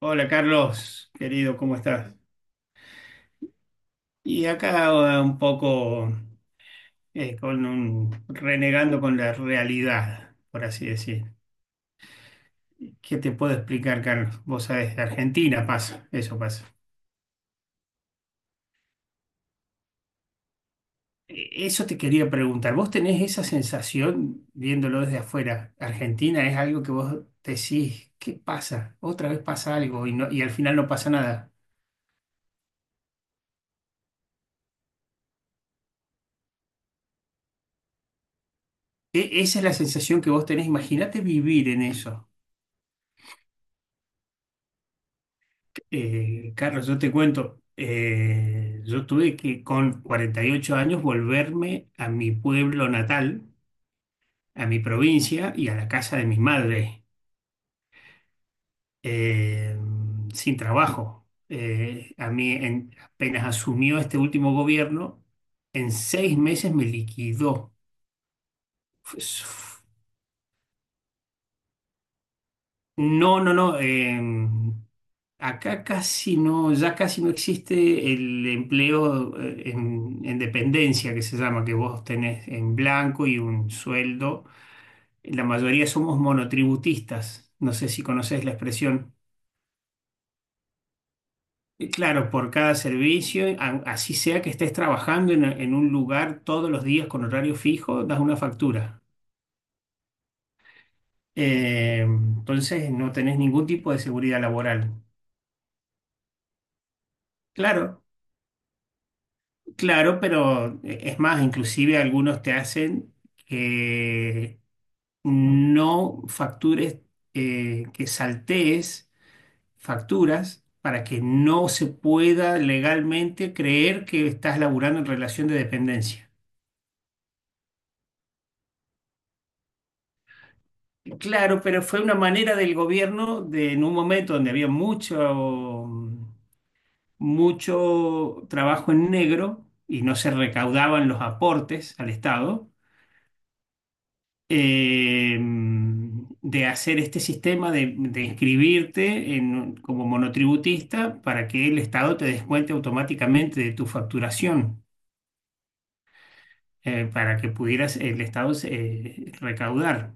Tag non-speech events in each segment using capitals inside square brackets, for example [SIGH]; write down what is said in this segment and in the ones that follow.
Hola Carlos, querido, ¿cómo estás? Y acá un poco con renegando con la realidad, por así decir. ¿Qué te puedo explicar, Carlos? Vos sabés, de Argentina pasa, eso pasa. Eso te quería preguntar. ¿Vos tenés esa sensación viéndolo desde afuera? Argentina es algo que vos decís, ¿qué pasa? Otra vez pasa algo y al final no pasa nada. Esa es la sensación que vos tenés. Imagínate vivir en eso. Carlos, yo te cuento, yo tuve que con 48 años volverme a mi pueblo natal, a mi provincia y a la casa de mis madres, eh, sin trabajo. A mí apenas asumió este último gobierno, en 6 meses me liquidó. No, no, no. Acá casi no, ya casi no existe el empleo en dependencia que se llama, que vos tenés en blanco y un sueldo. La mayoría somos monotributistas. No sé si conocés la expresión. Y claro, por cada servicio, así sea que estés trabajando en un lugar todos los días con horario fijo, das una factura. Entonces no tenés ningún tipo de seguridad laboral. Claro. Claro, pero es más, inclusive algunos te hacen que no factures, que saltees facturas para que no se pueda legalmente creer que estás laburando en relación de dependencia. Claro, pero fue una manera del gobierno de, en un momento donde había mucho trabajo en negro y no se recaudaban los aportes al Estado, eh, de hacer este sistema de inscribirte como monotributista para que el Estado te descuente automáticamente de tu facturación, para que pudieras el Estado recaudar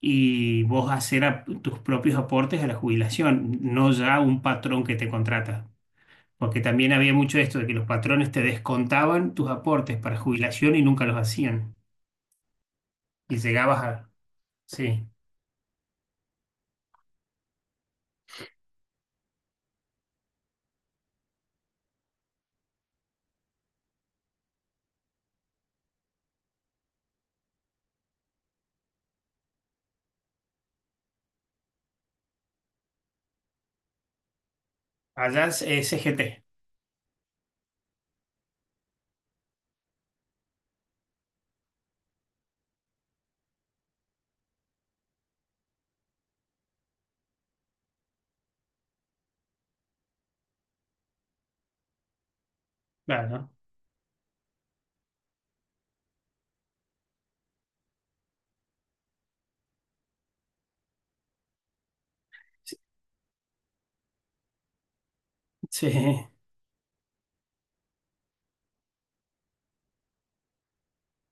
y vos hacer tus propios aportes a la jubilación, no ya un patrón que te contrata. Porque también había mucho esto de que los patrones te descontaban tus aportes para jubilación y nunca los hacían. Y llegabas a... Sí, allá es CGT, claro. ¿No? Sí,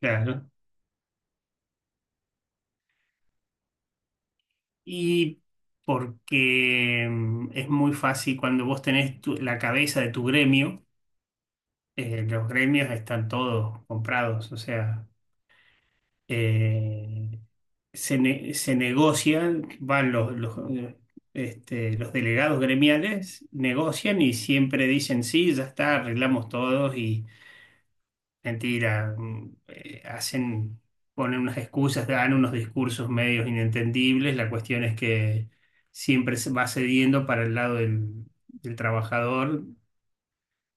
claro. Y porque es muy fácil cuando vos tenés la cabeza de tu gremio, los gremios están todos comprados, o sea, eh, se negocian, van los delegados gremiales, negocian y siempre dicen, sí, ya está, arreglamos todos. Mentira, hacen, ponen unas excusas, dan unos discursos medios inentendibles. La cuestión es que siempre se va cediendo para el lado del, del trabajador, o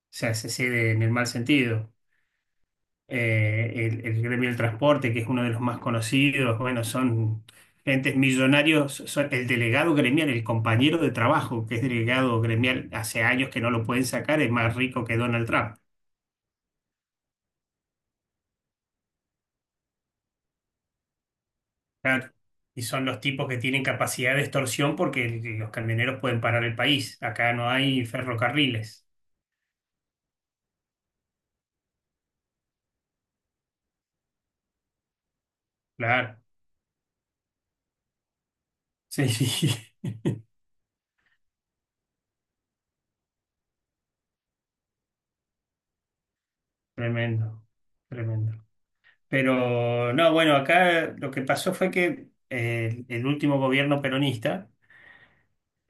sea, se cede en el mal sentido. El gremio del transporte, que es uno de los más conocidos, bueno, son gentes millonarios, son el delegado gremial, el compañero de trabajo, que es delegado gremial hace años que no lo pueden sacar, es más rico que Donald Trump. Claro. Y son los tipos que tienen capacidad de extorsión porque los camioneros pueden parar el país. Acá no hay ferrocarriles. Claro. Sí, [LAUGHS] sí. Tremendo. Tremendo. Pero no, bueno, acá lo que pasó fue que el último gobierno peronista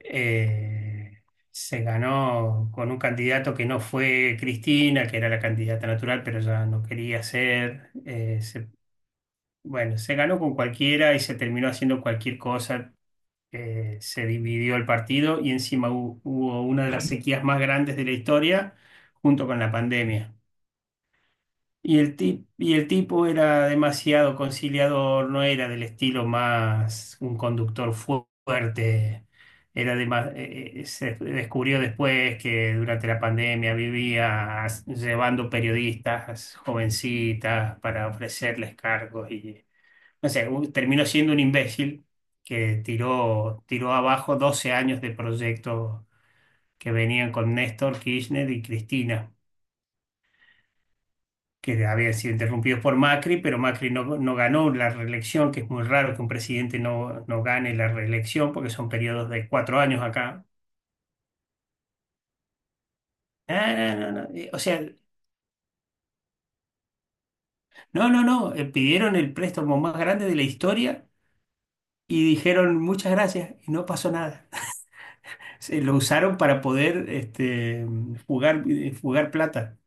eh, se ganó con un candidato que no fue Cristina, que era la candidata natural, pero ya no quería ser. Bueno, se ganó con cualquiera y se terminó haciendo cualquier cosa, se dividió el partido y encima hubo una de las sequías más grandes de la historia junto con la pandemia. Y el tipo era demasiado conciliador, no era del estilo más un conductor fuerte. Se descubrió después que durante la pandemia vivía llevando periodistas jovencitas para ofrecerles cargos, no sé, terminó siendo un imbécil que tiró, tiró abajo 12 años de proyectos que venían con Néstor Kirchner y Cristina, que habían sido interrumpidos por Macri, pero Macri no, no ganó la reelección, que es muy raro que un presidente no, no gane la reelección, porque son periodos de 4 años acá. Ah, no, no, no, no. O sea, no, no, no, pidieron el préstamo más grande de la historia y dijeron muchas gracias y no pasó nada. Se lo usaron para poder jugar, jugar plata.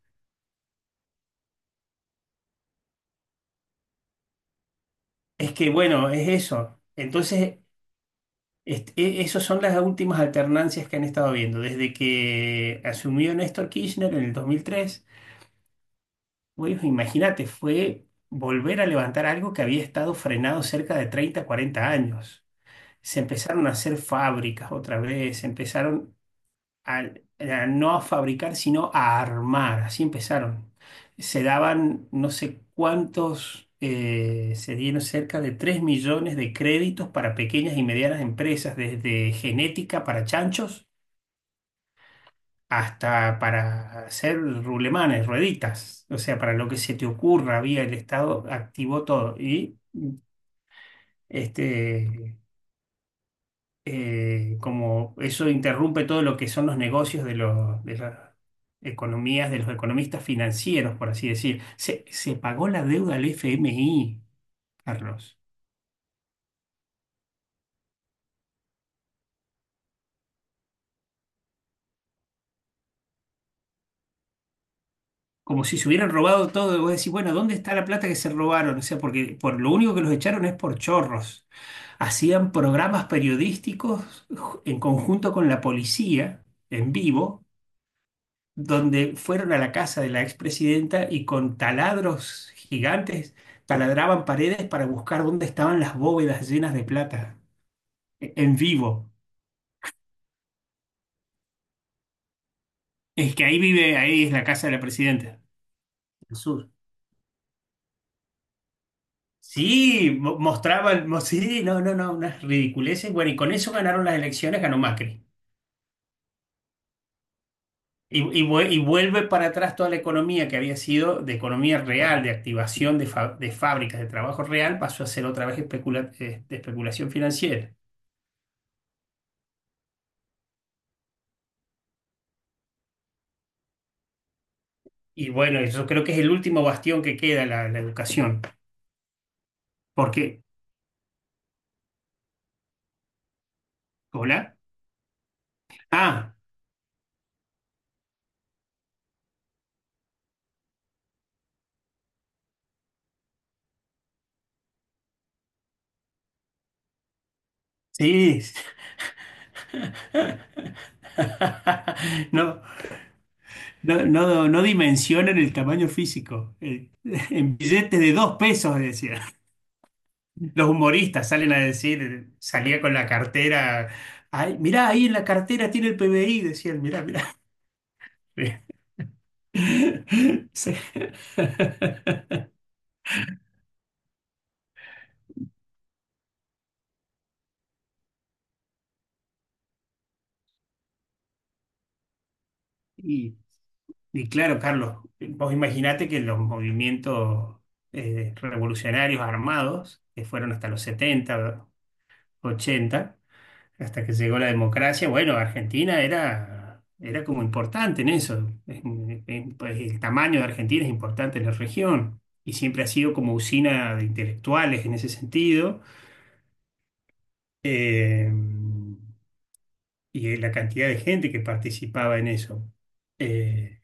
Es que, bueno, es eso. Entonces, esas son las últimas alternancias que han estado viendo. Desde que asumió Néstor Kirchner en el 2003, bueno, imagínate, fue volver a levantar algo que había estado frenado cerca de 30, 40 años. Se empezaron a hacer fábricas otra vez, se empezaron a, a no a fabricar, sino a armar. Así empezaron. Se daban no sé cuántos, se dieron cerca de 3 millones de créditos para pequeñas y medianas empresas, desde genética para chanchos hasta para hacer rulemanes, rueditas. O sea, para lo que se te ocurra, había el Estado activó todo. Este. Como eso interrumpe todo lo que son los negocios de los, de las economías, de los economistas financieros, por así decir. Se pagó la deuda al FMI, Carlos. Como si se hubieran robado todo, y vos decís, bueno, ¿dónde está la plata que se robaron? O sea, porque por lo único que los echaron es por chorros. Hacían programas periodísticos en conjunto con la policía, en vivo, donde fueron a la casa de la expresidenta y con taladros gigantes taladraban paredes para buscar dónde estaban las bóvedas llenas de plata, en vivo. Es que ahí vive, ahí es la casa de la presidenta, el sur. Sí, mostraban, sí, no, no, no, unas ridiculeces. Bueno, y con eso ganaron las elecciones, ganó Macri. Y vuelve para atrás toda la economía que había sido de economía real, de activación de fábricas, de trabajo real, pasó a ser otra vez de especulación financiera. Y bueno, eso creo que es el último bastión que queda, la educación. Porque, ¿hola? Ah, sí. [LAUGHS] No, no, no, no dimensionan el tamaño físico. [LAUGHS] En billetes de dos pesos, decía. Los humoristas salen a decir, salía con la cartera. Ay, mirá, ahí en la cartera tiene el PBI, decían, mirá, mirá. [LAUGHS] Sí. [LAUGHS] Y claro, Carlos, vos imaginate que los movimientos revolucionarios armados, que fueron hasta los setenta, ochenta, hasta que llegó la democracia, bueno, Argentina era, era como importante en eso. Pues, el tamaño de Argentina es importante en la región y siempre ha sido como usina de intelectuales en ese sentido. Eh, y la cantidad de gente que participaba en eso. Eh,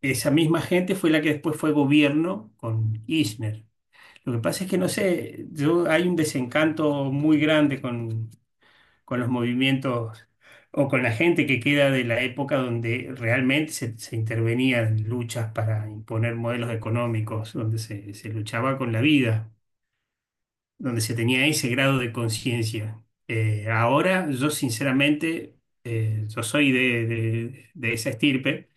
Esa misma gente fue la que después fue gobierno con Kirchner. Lo que pasa es que no sé, yo, hay un desencanto muy grande con los movimientos o con la gente que queda de la época donde realmente se intervenía en luchas para imponer modelos económicos, donde se luchaba con la vida, donde se tenía ese grado de conciencia. Ahora yo sinceramente, yo soy de esa estirpe.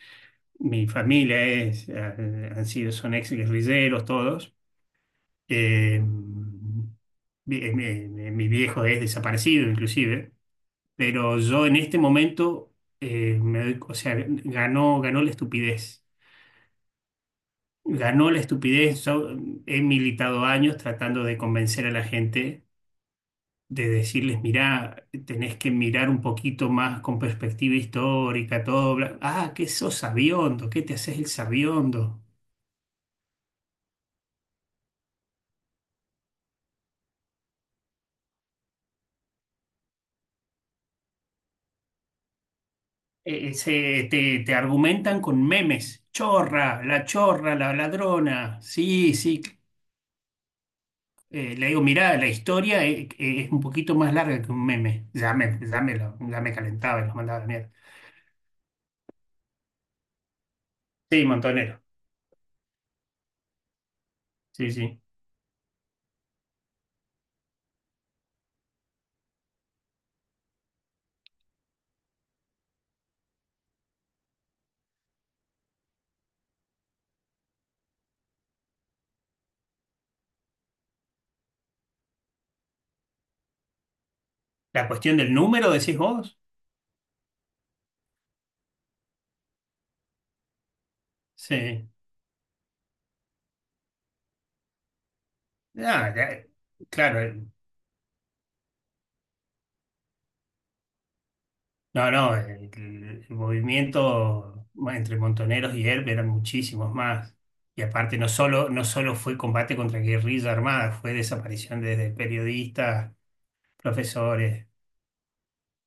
Mi familia es, han sido, son ex guerrilleros todos. Mi viejo es desaparecido inclusive, pero yo en este momento, me o sea, ganó, ganó la estupidez. Ganó la estupidez. Yo he militado años tratando de convencer a la gente, de decirles, mirá, tenés que mirar un poquito más con perspectiva histórica, todo. Ah, que sos sabiondo, ¿qué te haces el sabiondo? Te argumentan con memes. Chorra, la ladrona. Sí, sí. Le digo, mirá, la historia es, un poquito más larga que un meme. Ya me calentaba y los mandaba a la mierda. Sí, montonero. Sí, sí. La cuestión del número, decís vos. Sí. Ah, ya, claro, no, no, el movimiento bueno, entre Montoneros y ERP eran muchísimos más. Y aparte no solo, no solo fue combate contra guerrilla armada, fue desaparición desde periodistas, profesores,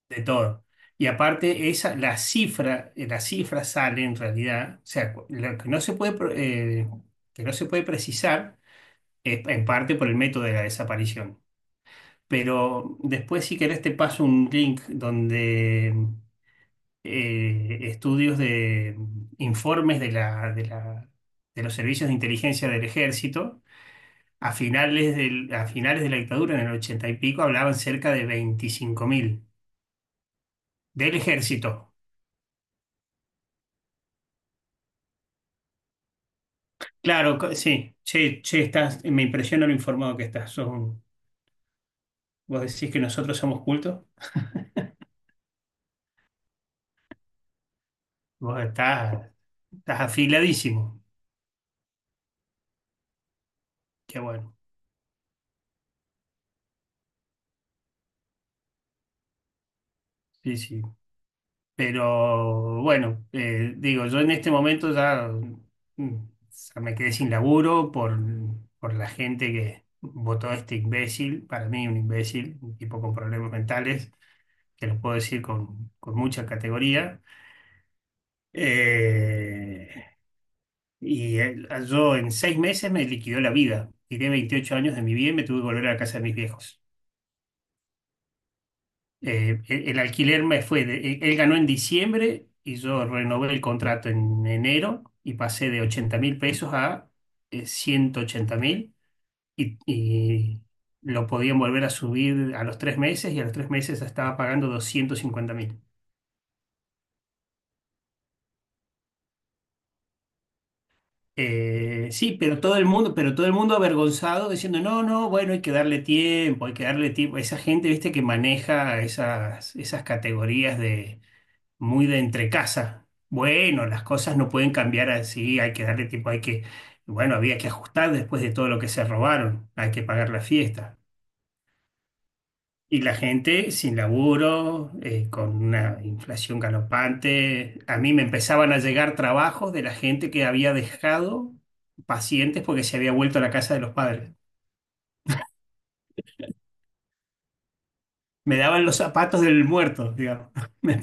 de todo. Y aparte esa, la cifra sale en realidad, o sea, lo que no se puede, que no se puede precisar es en parte por el método de la desaparición. Pero después si querés te paso un link donde estudios de informes de los servicios de inteligencia del ejército. A finales a finales de la dictadura, en el 80 y pico, hablaban cerca de 25.000 del ejército. Claro, sí, che, che, estás, me impresiona lo informado que estás. Vos decís que nosotros somos cultos, vos estás, estás afiladísimo. Qué bueno. Sí, sí. Pero bueno, digo, yo en este momento ya, mm, ya me quedé sin laburo por la gente que votó a este imbécil, para mí un imbécil, un tipo con problemas mentales, que lo puedo decir con mucha categoría. Eh, yo en 6 meses me liquidó la vida. Tiré 28 años de mi vida y me tuve que volver a la casa de mis viejos. El alquiler me fue, él ganó en diciembre y yo renové el contrato en enero y pasé de 80.000 pesos a 180.000 y lo podían volver a subir a los 3 meses y a los 3 meses estaba pagando 250.000. Sí, pero todo el mundo, pero todo el mundo avergonzado diciendo, no, no, bueno, hay que darle tiempo, hay que darle tiempo. Esa gente, viste, que maneja esas, esas categorías muy de entre casa. Bueno, las cosas no pueden cambiar así, hay que darle tiempo, hay que, bueno, había que ajustar después de todo lo que se robaron, hay que pagar la fiesta. Y la gente sin laburo, con una inflación galopante, a mí me empezaban a llegar trabajos de la gente que había dejado pacientes porque se había vuelto a la casa de los padres. Me daban los zapatos del muerto, digamos. [LAUGHS] Me-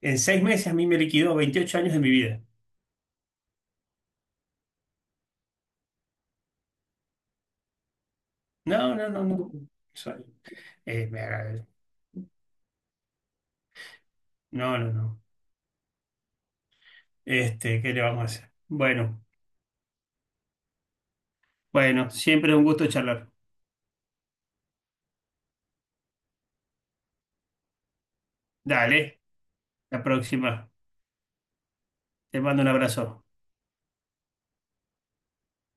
En seis meses a mí me liquidó 28 años de mi vida. No, no, no, no. Soy- me No, no, no. Este, ¿qué le vamos a hacer? Bueno, bueno, siempre un gusto charlar. Dale, la próxima. Te mando un abrazo.